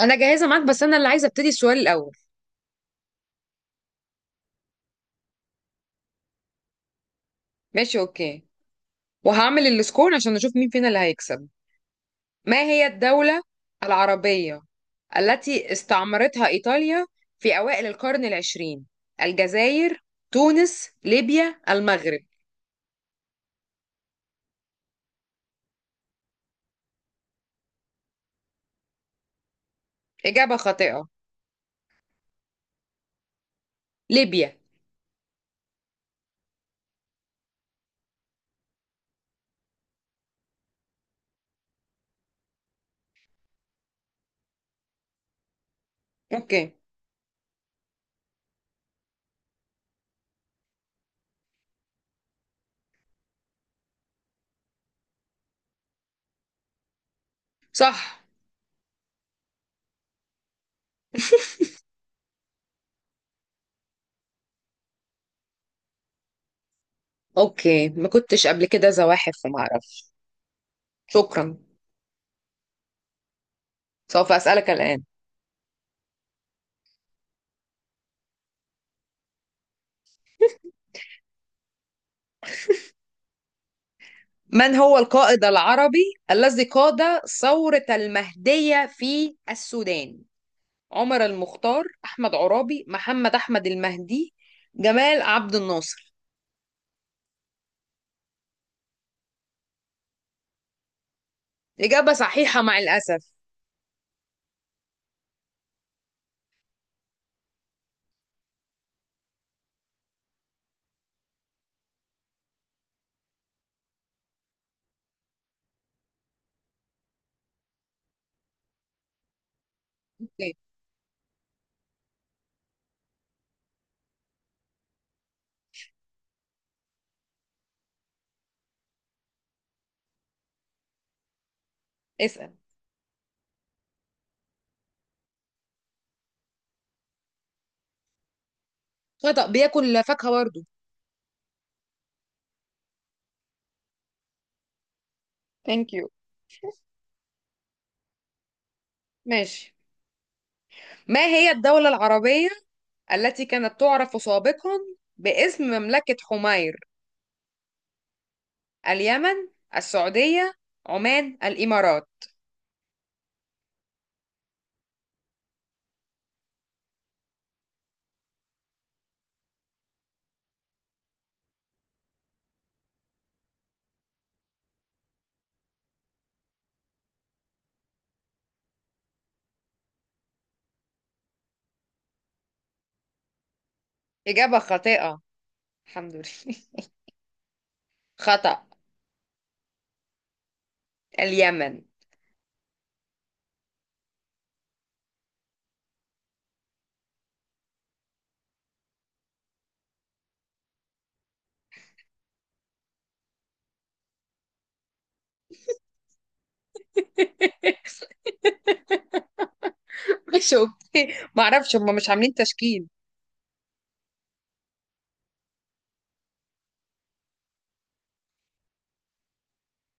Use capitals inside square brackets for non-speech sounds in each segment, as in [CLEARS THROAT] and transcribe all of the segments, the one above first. انا جاهزه معاك، بس انا اللي عايزه ابتدي السؤال الاول. ماشي، اوكي، وهعمل السكور عشان نشوف مين فينا اللي هيكسب. ما هي الدوله العربيه التي استعمرتها ايطاليا في اوائل القرن العشرين؟ الجزائر، تونس، ليبيا، المغرب؟ اجابه خاطئه. ليبيا. اوكي. صح. اوكي، ما كنتش قبل كده زواحف وما اعرف. شكرا. سوف اسالك الان. من هو القائد العربي الذي قاد ثورة المهدية في السودان؟ عمر المختار، أحمد عرابي، محمد أحمد المهدي، جمال عبد الناصر؟ إجابة صحيحة مع الأسف. أوكي. اسأل. خطأ، بياكل فاكهة برضه. ثانك يو. ماشي. ما هي الدولة العربية التي كانت تعرف سابقا باسم مملكة حمير؟ اليمن، السعودية، عمان، الإمارات؟ إجابة خاطئة. الحمد لله. [LAUGHS] خطأ. اليمن. [LAUGHS] مش اوكي، معرفش، هم مش عاملين تشكيل.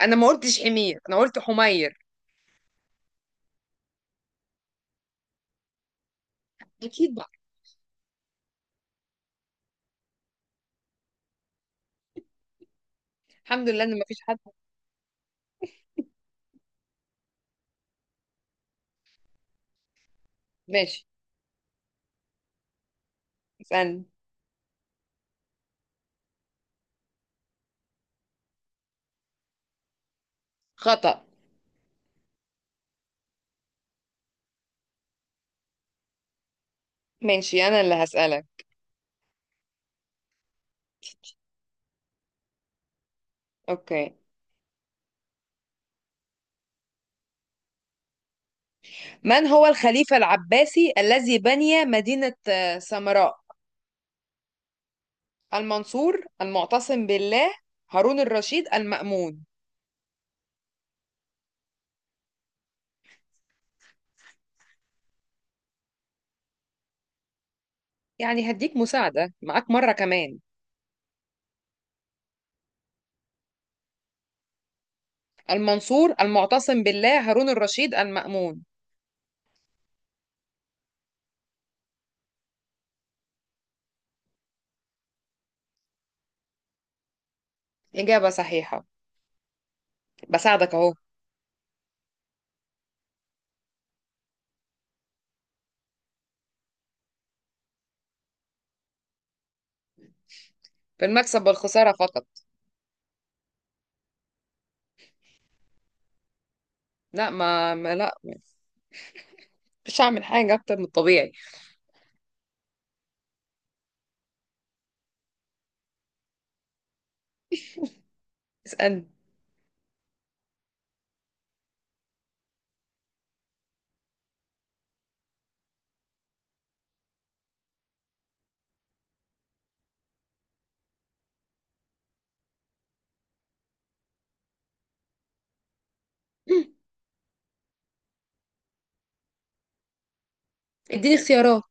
أنا ما قلتش حمير، أنا قلت حمير. اكيد بقى. الحمد لله ان مفيش حد. ماشي. اسالني. خطأ. ماشي، انا اللي هسألك. اوكي. من هو الخليفة العباسي الذي بني مدينة سامراء؟ المنصور، المعتصم بالله، هارون الرشيد، المأمون؟ يعني هديك مساعدة، معاك مرة كمان. المنصور، المعتصم بالله، هارون الرشيد، المأمون. إجابة صحيحة. بساعدك أهو. في المكسب والخسارة فقط. لا، ما لا. مش هعمل حاجة أكتر من الطبيعي. اسألني. [CLEARS THROAT] [LAUGHS] اديني اختيارات.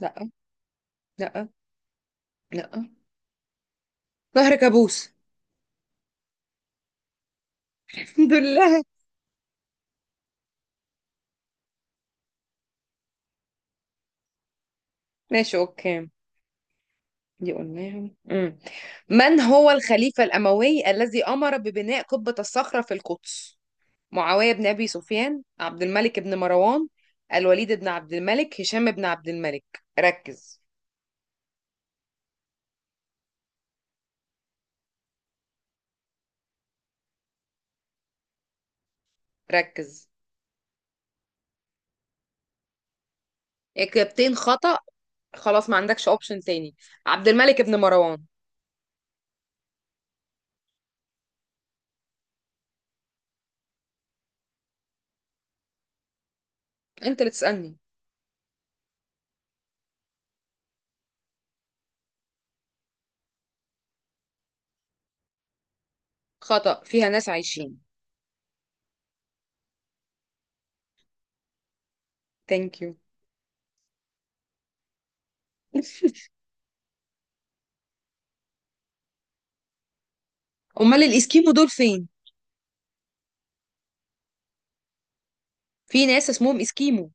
لا، لا، لا. نهر كابوس. [LAUGHS] الحمد لله. ماشي، اوكي. دي قلناها. مم. من هو الخليفة الأموي الذي أمر ببناء قبة الصخرة في القدس؟ معاوية بن أبي سفيان، عبد الملك بن مروان، الوليد بن عبد الملك، هشام بن عبد الملك؟ ركز. ركز. إجابتين خطأ. خلاص، ما عندكش أوبشن تاني. عبد الملك بن مروان. أنت اللي تسألني. خطأ، فيها ناس عايشين. ثانك يو. أمال الإسكيمو دول فين؟ في ناس اسمهم إسكيمو.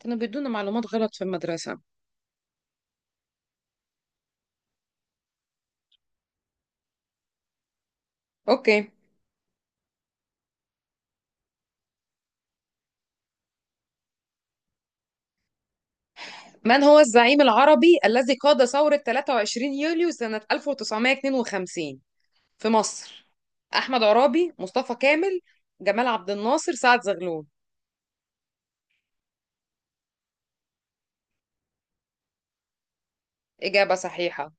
كانوا بيدونا معلومات غلط في المدرسة. أوكي. من هو الزعيم العربي الذي قاد ثورة 23 يوليو سنة 1952 في مصر؟ أحمد عرابي، مصطفى كامل، جمال عبد الناصر، سعد زغلول؟ إجابة صحيحة.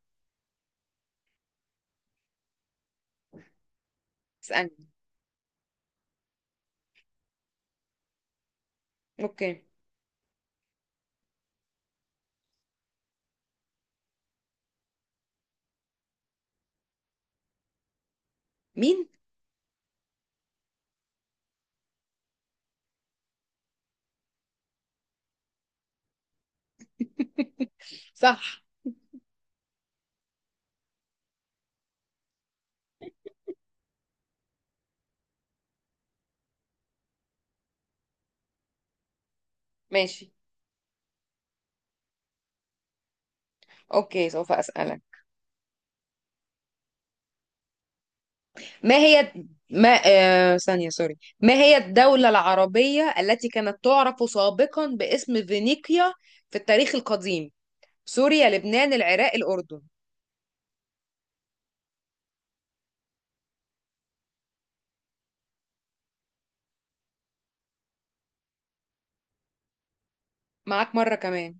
اسألني. أوكي. مين؟ صح. ماشي. أوكي، سوف أسألك. ما هي، ما آه... ثانية سوري، ما هي الدولة العربية التي كانت تعرف سابقا باسم فينيقيا في التاريخ القديم؟ سوريا، لبنان، العراق، الأردن؟ معاك مرة كمان.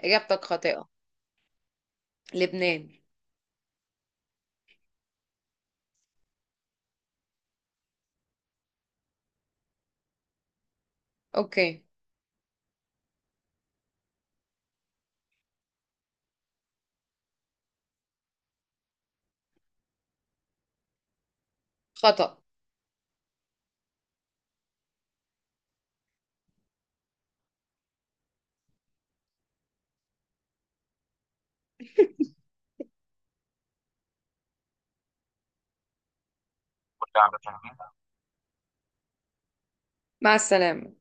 إجابتك خاطئة. لبنان. أوكي. خطأ. مع السلامة.